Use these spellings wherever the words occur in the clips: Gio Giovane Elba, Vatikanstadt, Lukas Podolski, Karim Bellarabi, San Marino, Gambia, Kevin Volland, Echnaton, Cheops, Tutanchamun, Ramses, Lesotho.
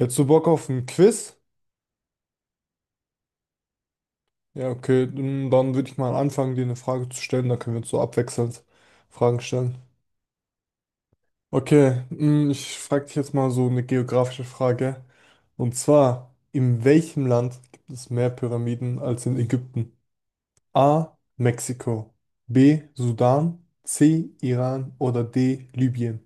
Hättest du Bock auf ein Quiz? Ja, okay, dann würde ich mal anfangen, dir eine Frage zu stellen. Dann können wir uns so abwechselnd Fragen stellen. Okay, ich frage dich jetzt mal so eine geografische Frage. Und zwar, in welchem Land gibt es mehr Pyramiden als in Ägypten? A. Mexiko. B. Sudan. C. Iran. Oder D. Libyen.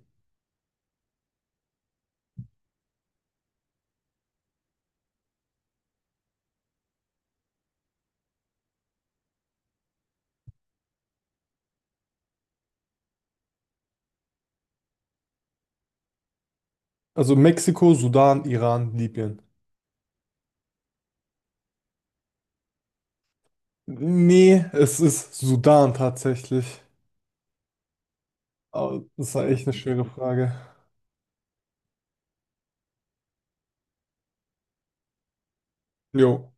Also Mexiko, Sudan, Iran, Libyen. Nee, es ist Sudan tatsächlich. Aber das war echt eine schwere Frage. Jo.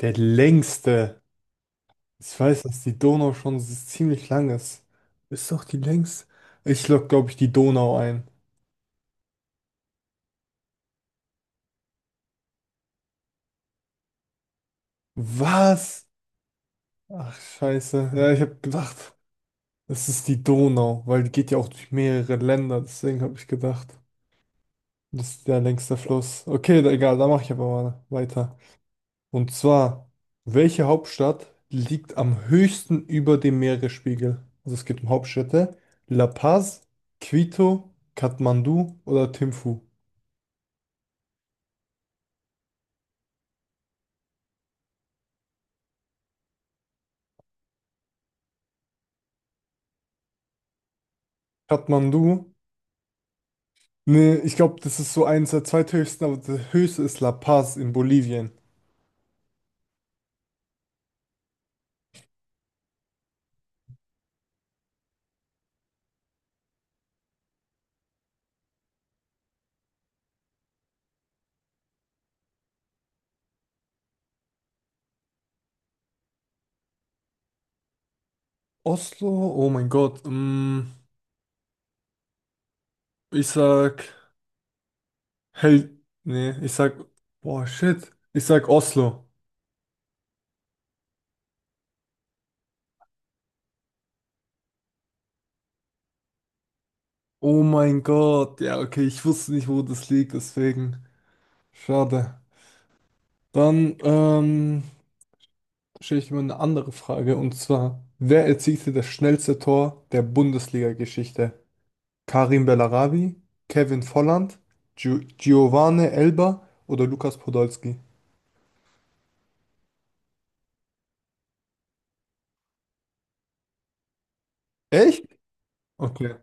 Der längste. Ich weiß, dass die Donau schon ziemlich lang ist. Ist doch die längste. Ich log, glaube ich, die Donau ein. Was? Ach, scheiße. Ja, ich habe gedacht, es ist die Donau, weil die geht ja auch durch mehrere Länder. Deswegen habe ich gedacht, das ist der längste Fluss. Okay, egal, da mache ich aber mal weiter. Und zwar, welche Hauptstadt liegt am höchsten über dem Meeresspiegel? Also es geht um Hauptstädte. La Paz, Quito, Kathmandu oder Thimphu? Kathmandu? Nee, ich glaube, das ist so eins der zweithöchsten, aber der höchste ist La Paz in Bolivien. Oslo? Oh mein Gott. Ich sag Nee, Boah, shit. Ich sag Oslo. Oh mein Gott. Ja, okay, ich wusste nicht, wo das liegt, deswegen. Schade. Dann stelle ich mir eine andere Frage, und zwar, wer erzielte das schnellste Tor der Bundesliga-Geschichte? Karim Bellarabi, Kevin Volland, Gio Giovane Elba oder Lukas Podolski. Echt? Okay.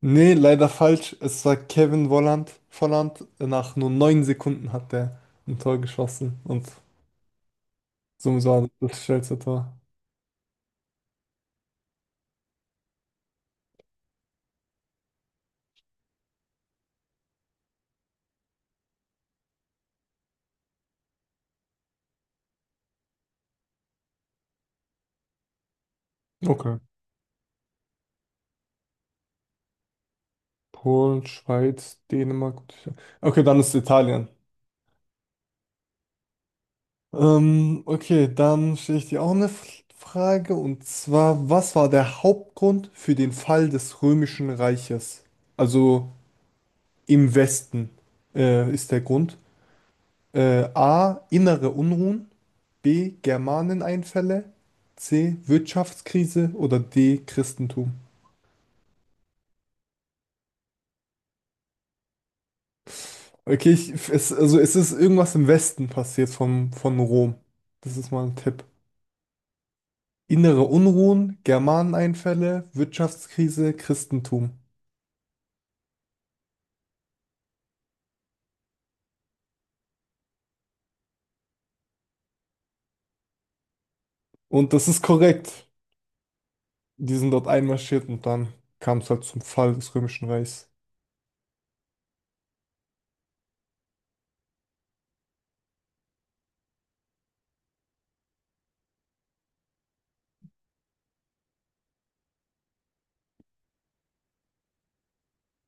Nee, leider falsch. Es war Kevin Volland. Volland, nach nur 9 Sekunden hat der ein Tor geschossen und somit war das das schnellste Tor. Okay. Polen, Schweiz, Dänemark. Okay, dann ist Italien. Okay, dann stelle ich dir auch eine Frage und zwar, was war der Hauptgrund für den Fall des Römischen Reiches? Also im Westen ist der Grund. A. Innere Unruhen. B. Germaneneinfälle. C. Wirtschaftskrise. Oder D. Christentum. Okay, also es ist irgendwas im Westen passiert von Rom. Das ist mal ein Tipp. Innere Unruhen, Germaneneinfälle, Wirtschaftskrise, Christentum. Und das ist korrekt. Die sind dort einmarschiert und dann kam es halt zum Fall des Römischen Reichs.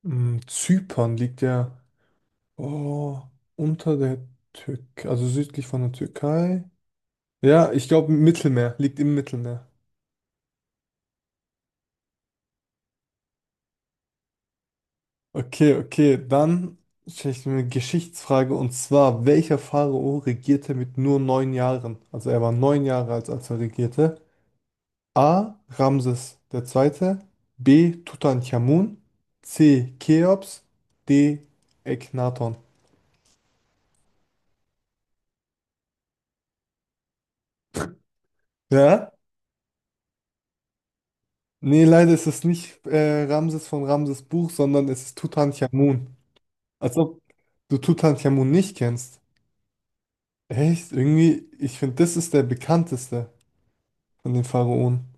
Zypern liegt ja. Oh, unter der Türkei, also südlich von der Türkei. Ja, ich glaube Mittelmeer, liegt im Mittelmeer. Okay, okay, dann stelle ich mir eine Geschichtsfrage und zwar, welcher Pharao regierte mit nur 9 Jahren? Also er war 9 Jahre alt, als er regierte. A. Ramses der Zweite, B. Tutanchamun, C. Cheops, D. Echnaton. Ja? Nee, leider ist es nicht Ramses von Ramses Buch, sondern es ist Tutanchamun. Also du Tutanchamun nicht kennst. Echt? Irgendwie, ich finde, das ist der bekannteste von den Pharaonen.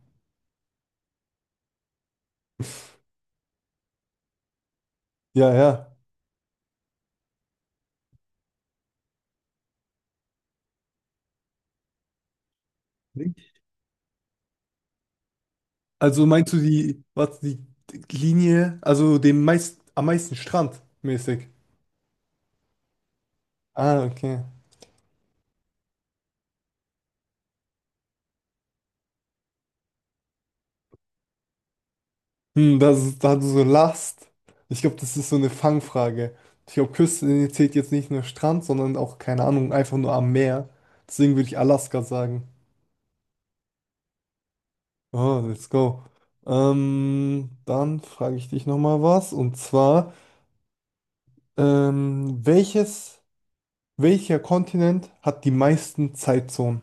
Ja, ja. Nicht? Also meinst du die, was, die Linie, also den meist, am meisten Strand mäßig? Ah, okay. Hm, das ist, da du so Last. Ich glaube, das ist so eine Fangfrage. Ich glaube, Küste zählt jetzt nicht nur Strand, sondern auch, keine Ahnung, einfach nur am Meer. Deswegen würde ich Alaska sagen. Oh, let's go. Dann frage ich dich nochmal was. Und zwar. Ähm, welches, welcher Kontinent hat die meisten Zeitzonen?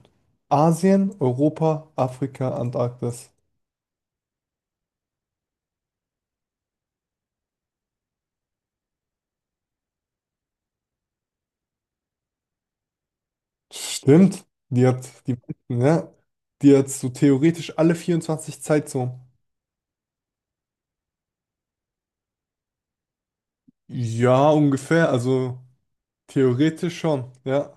Asien, Europa, Afrika, Antarktis. Stimmt, die hat die meisten, ja. Die hat so theoretisch alle 24 Zeitzonen. Ja, ungefähr, also theoretisch schon, ja.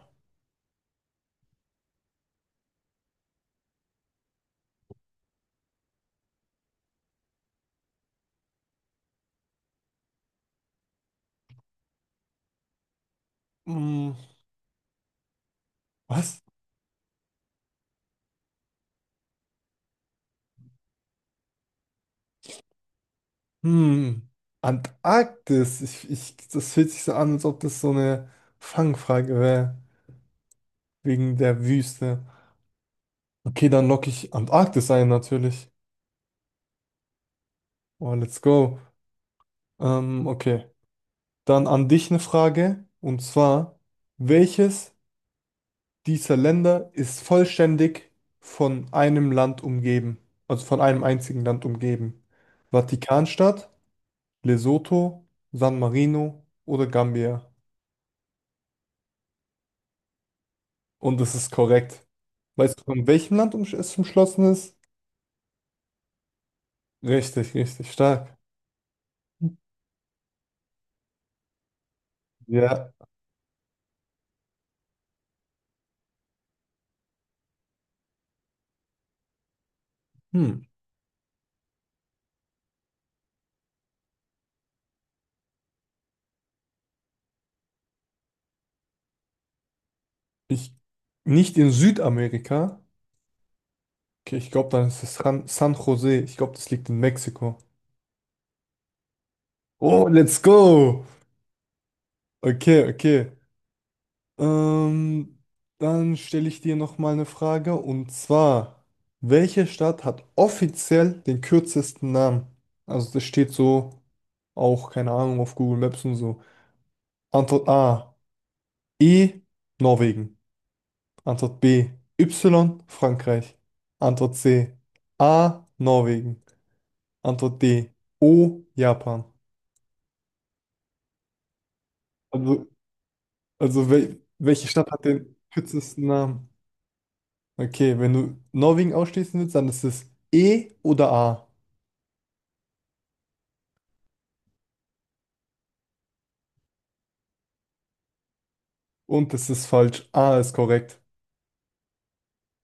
Hm, was? Hm, Antarktis. Ich, das fühlt sich so an, als ob das so eine Fangfrage wäre, wegen der Wüste. Okay, dann locke ich Antarktis ein, natürlich. Oh, let's go. Okay, dann an dich eine Frage. Und zwar, welches dieser Länder ist vollständig von einem Land umgeben? Also von einem einzigen Land umgeben? Vatikanstadt, Lesotho, San Marino oder Gambia? Und das ist korrekt. Weißt du, von welchem Land es umschlossen ist? Richtig, richtig stark. Ja. Hm. Ich, nicht in Südamerika. Okay, ich glaube, dann ist es San Jose. Ich glaube, das liegt in Mexiko. Oh, let's go! Okay, okay. Ähm, dann stelle ich dir noch mal eine Frage und zwar, welche Stadt hat offiziell den kürzesten Namen? Also das steht so auch, keine Ahnung, auf Google Maps und so. Antwort A, E, Norwegen. Antwort B, Y, Frankreich. Antwort C, A, Norwegen. Antwort D, O, Japan. Also Also welche Stadt hat den kürzesten Namen? Okay, wenn du Norwegen ausschließen willst, dann ist es E oder A. Und es ist falsch. A ist korrekt.